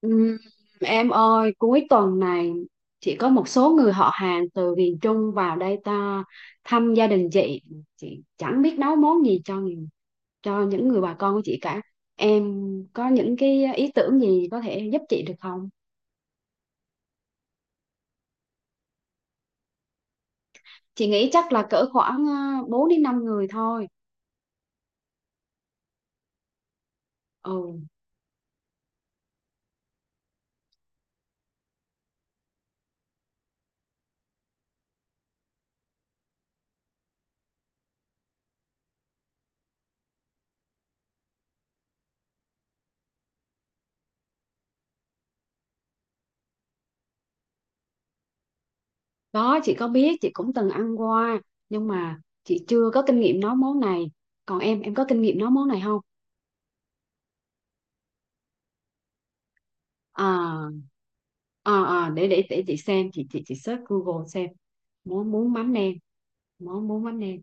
Ừm, em ơi, cuối tuần này chị có một số người họ hàng từ miền Trung vào đây ta thăm gia đình chị chẳng biết nấu món gì cho những người bà con của chị cả. Em có những cái ý tưởng gì có thể giúp chị được không? Chị nghĩ chắc là cỡ khoảng 4 đến 5 người thôi. Ừ, đó chị có biết, chị cũng từng ăn qua nhưng mà chị chưa có kinh nghiệm nấu món này. Còn em có kinh nghiệm nấu món này không? à à à, để chị xem, chị search Google xem món bún mắm nêm. món bún mắm nêm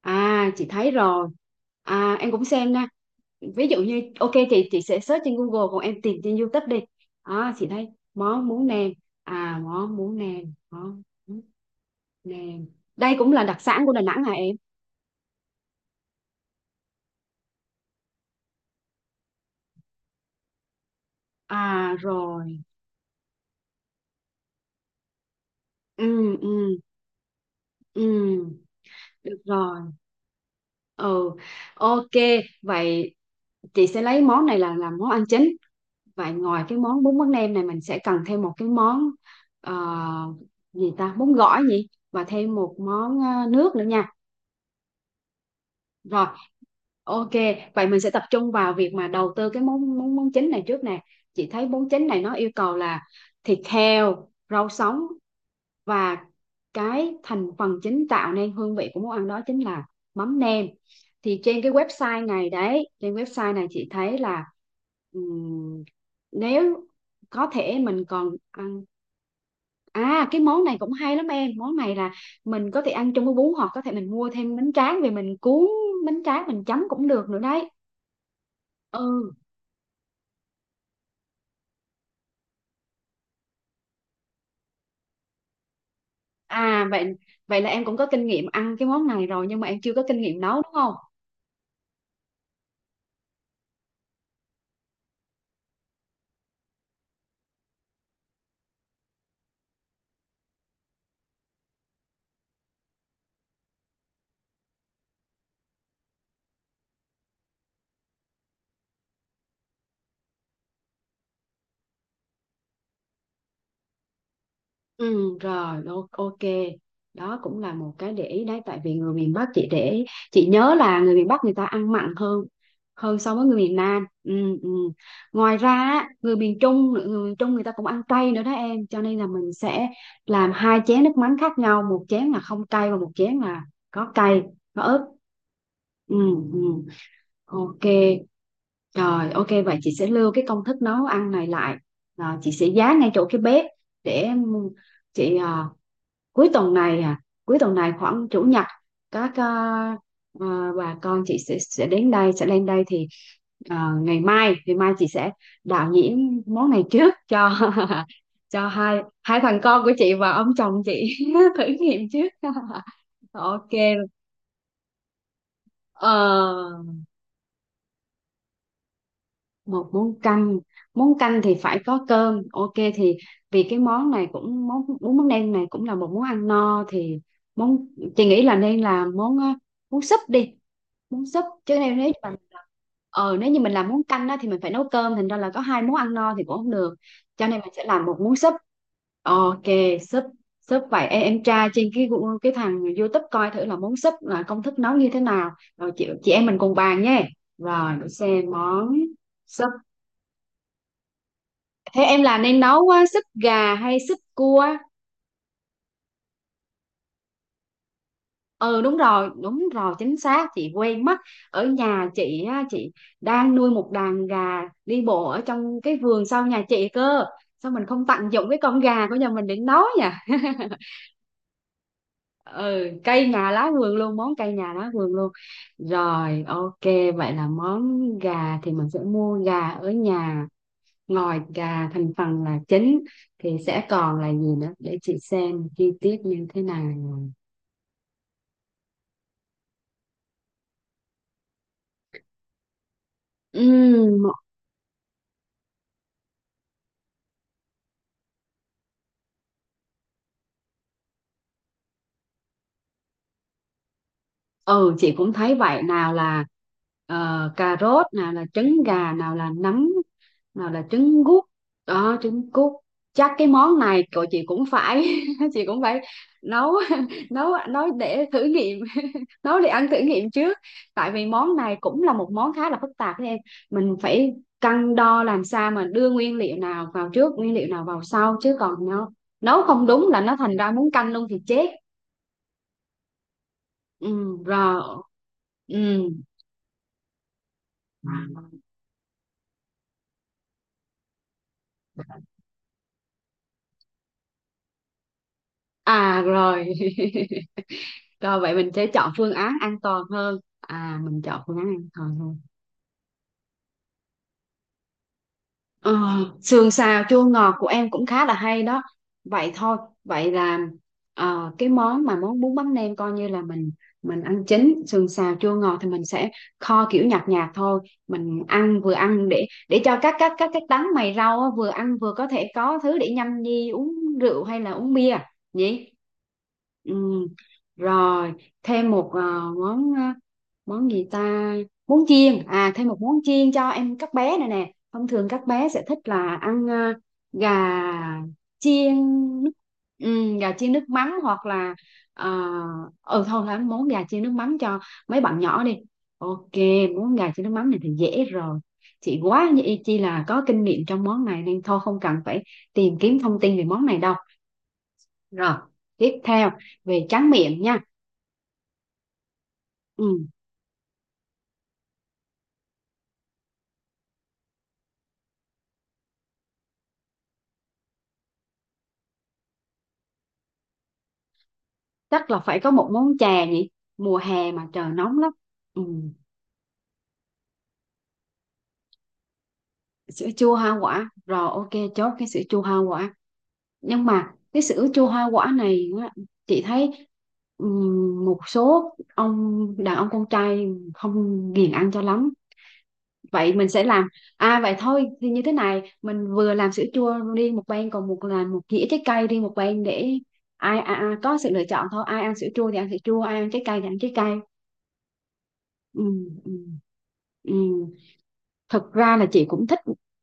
À, chị thấy rồi. À, em cũng xem nha. Ví dụ như ok, chị sẽ search trên Google, còn em tìm trên YouTube đi. À, chị thấy món bún nêm. à món bún nêm món bún nêm Đây cũng là đặc sản của Đà Nẵng hả em? À rồi, ừ, ừ, ừ, được rồi, ừ, ok, vậy chị sẽ lấy món này là làm món ăn chính. Vậy ngoài cái món bún bánh nem này mình sẽ cần thêm một cái món ờ, gì ta, bún gỏi gì, và thêm một món nước nữa nha. Rồi, ok. Vậy mình sẽ tập trung vào việc mà đầu tư cái món món món chính này trước nè. Chị thấy món chính này nó yêu cầu là thịt heo, rau sống và cái thành phần chính tạo nên hương vị của món ăn đó chính là mắm nêm. Thì trên cái website này đấy, trên website này chị thấy là, ừm, nếu có thể mình còn ăn. À, cái món này cũng hay lắm em. Món này là mình có thể ăn chung với bún, hoặc có thể mình mua thêm bánh tráng, về mình cuốn bánh tráng, mình chấm cũng được nữa đấy. Ừ, à, vậy vậy là em cũng có kinh nghiệm ăn cái món này rồi nhưng mà em chưa có kinh nghiệm nấu đúng không? Ừ rồi, ok, đó cũng là một cái để ý đấy. Tại vì người miền Bắc, chị nhớ là người miền Bắc người ta ăn mặn hơn hơn so với người miền Nam. Ừ, ừ. Ngoài ra á, người miền Trung người ta cũng ăn cay nữa đó em, cho nên là mình sẽ làm hai chén nước mắm khác nhau, một chén là không cay và một chén là có cay, có ớt. Ừ, ừ. Ok, rồi ok, vậy chị sẽ lưu cái công thức nấu ăn này lại. À, chị sẽ dán ngay chỗ cái bếp để chị, cuối tuần này, khoảng chủ nhật, các à, bà con chị sẽ đến đây, sẽ lên đây, thì ngày mai chị sẽ đạo diễn món này trước cho cho hai hai thằng con của chị và ông chồng chị thử nghiệm trước. Ok. Ờ, một món canh. Món canh thì phải có cơm, ok. Thì vì cái món này cũng, món bún mắm nêm này cũng là một món ăn no, thì món chị nghĩ là nên làm món món súp đi. Món súp, chứ nếu nếu như mà nếu như mình làm món canh á, thì mình phải nấu cơm, thành ra là có hai món ăn no thì cũng không được, cho nên mình sẽ làm một món súp. Ok, súp súp, vậy em tra trên cái cái thằng YouTube coi thử là món súp là công thức nấu như thế nào, rồi chị em mình cùng bàn nhé. Rồi để xem món súp. Thế em là nên nấu á, súp gà hay súp cua? Ừ đúng rồi, chính xác, chị quen mất. Ở nhà chị á, chị đang nuôi một đàn gà đi bộ ở trong cái vườn sau nhà chị cơ. Sao mình không tận dụng cái con gà của nhà mình để nấu nhỉ? Ừ, cây nhà lá vườn luôn, món cây nhà lá vườn luôn. Rồi, ok, vậy là món gà thì mình sẽ mua gà ở nhà. Ngoài gà thành phần là chính thì sẽ còn là gì nữa, để chị xem chi tiết như thế nào. Ừm, ừ chị cũng thấy vậy, nào là cà rốt, nào là trứng gà, nào là nấm, nào là trứng gút đó trứng cút. Chắc cái món này của chị cũng phải chị cũng phải nấu nấu nấu để thử nghiệm, nấu để ăn thử nghiệm trước. Tại vì món này cũng là một món khá là phức tạp đấy em, mình phải cân đo làm sao mà đưa nguyên liệu nào vào trước, nguyên liệu nào vào sau, chứ còn nó nấu không đúng là nó thành ra muốn canh luôn thì chết. Ừ, rồi. Ừ. À rồi. Rồi vậy mình sẽ chọn phương án an toàn hơn. À, mình chọn phương án an toàn hơn. Ờ, sườn xào chua ngọt của em cũng khá là hay đó. Vậy thôi, vậy là cái món mà món bún bánh nem coi như là mình ăn chính, sườn xào chua ngọt thì mình sẽ kho kiểu nhạt nhạt thôi, mình ăn vừa ăn để cho các đắng mày rau á, vừa ăn vừa có thể có thứ để nhâm nhi uống rượu hay là uống bia nhỉ? Ừ. Rồi, thêm một món món gì ta? Món chiên. À, thêm một món chiên cho em, các bé này nè. Thông thường các bé sẽ thích là ăn gà chiên nước gà chiên nước mắm, hoặc là ờ, thôi là ăn món gà chiên nước mắm cho mấy bạn nhỏ đi. Ok, món gà chiên nước mắm này thì dễ rồi, chị quá như y chi là có kinh nghiệm trong món này nên thôi không cần phải tìm kiếm thông tin về món này đâu. Rồi, tiếp theo về tráng miệng nha. Ừ, chắc là phải có một món chè nhỉ. Mùa hè mà trời nóng lắm. Ừ. Sữa chua hoa quả, rồi ok, chốt cái sữa chua hoa quả. Nhưng mà cái sữa chua hoa quả này á, chị thấy một số ông đàn ông con trai không ghiền ăn cho lắm. Vậy mình sẽ làm, à, vậy thôi thì như thế này, mình vừa làm sữa chua riêng một bên, còn một là một dĩa trái cây riêng một bên, để ai có sự lựa chọn thôi, ai ăn sữa chua thì ăn sữa chua, ai ăn trái cây thì ăn trái cây. Ừ, ừ, ừ. Thật ra là chị cũng thích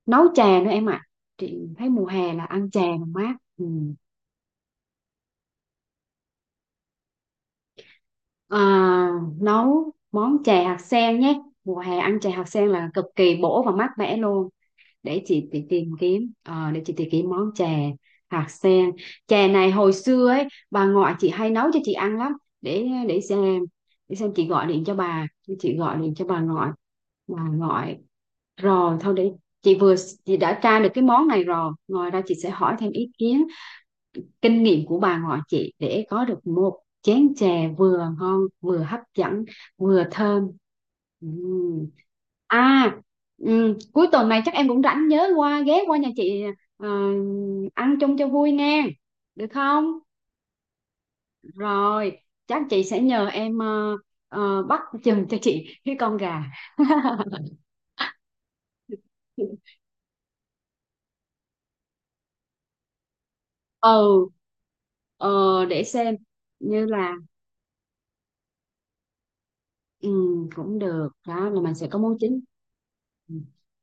nấu chè nữa em ạ. Chị thấy mùa hè là ăn chè là mát. Ừ. À, nấu món chè hạt sen nhé. Mùa hè ăn chè hạt sen là cực kỳ bổ và mát mẻ luôn. Để chị tìm kiếm, để chị tìm kiếm món chè hạt sen. Chè này hồi xưa ấy, bà ngoại chị hay nấu cho chị ăn lắm. Để xem, để xem chị gọi điện cho bà, chị gọi điện cho bà ngoại, bà ngoại Rồi, thôi để chị vừa chị đã tra được cái món này rồi. Ngoài ra chị sẽ hỏi thêm ý kiến, kinh nghiệm của bà ngoại chị, để có được một chén chè vừa ngon, vừa hấp dẫn, vừa thơm. Ừm. À, cuối tuần này chắc em cũng rảnh, nhớ ghé qua nhà chị, ờ, ăn chung cho vui nghe. Được không? Rồi, chắc chị sẽ nhờ em bắt chừng cho chị cái con gà. Ừ, ờ, để xem, như là, ừ, cũng được, đó là mình sẽ có món chính. Ừ.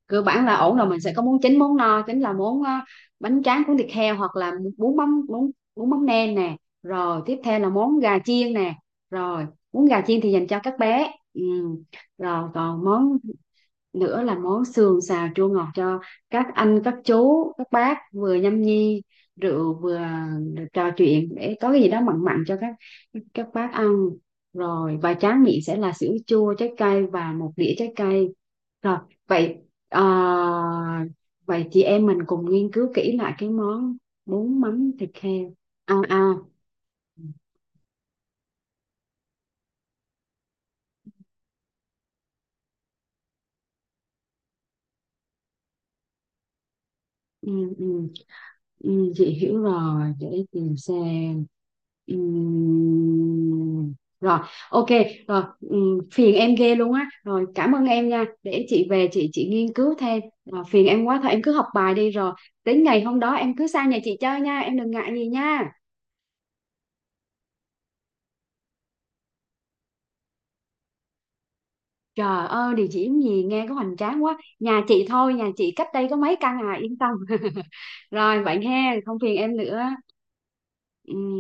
Cơ bản là ổn rồi, mình sẽ có món chính, món no chính là món bánh tráng cuốn thịt heo hoặc là bún mắm bún bún mắm nêm nè. Rồi tiếp theo là món gà chiên nè. Rồi, món gà chiên thì dành cho các bé. Ừ. Rồi còn món nữa là món sườn xào chua ngọt cho các anh các chú các bác vừa nhâm nhi rượu vừa trò chuyện, để có cái gì đó mặn mặn cho các bác ăn. Rồi, và tráng miệng sẽ là sữa chua trái cây và một đĩa trái cây. Rồi vậy, ờ, vậy chị em mình cùng nghiên cứu kỹ lại cái món bún mắm thịt heo, à. Ừ, ừ. Ừ, chị hiểu rồi để tìm xem. Ừm, Rồi, ok, rồi, phiền em ghê luôn á, rồi cảm ơn em nha, để chị về chị nghiên cứu thêm. Rồi, phiền em quá, thôi em cứ học bài đi rồi đến ngày hôm đó em cứ sang nhà chị chơi nha, em đừng ngại gì nha. Trời ơi, địa chỉ gì nghe có hoành tráng quá, nhà chị thôi. Nhà chị cách đây có mấy căn à, yên tâm. Rồi vậy he, không phiền em nữa. Ừm.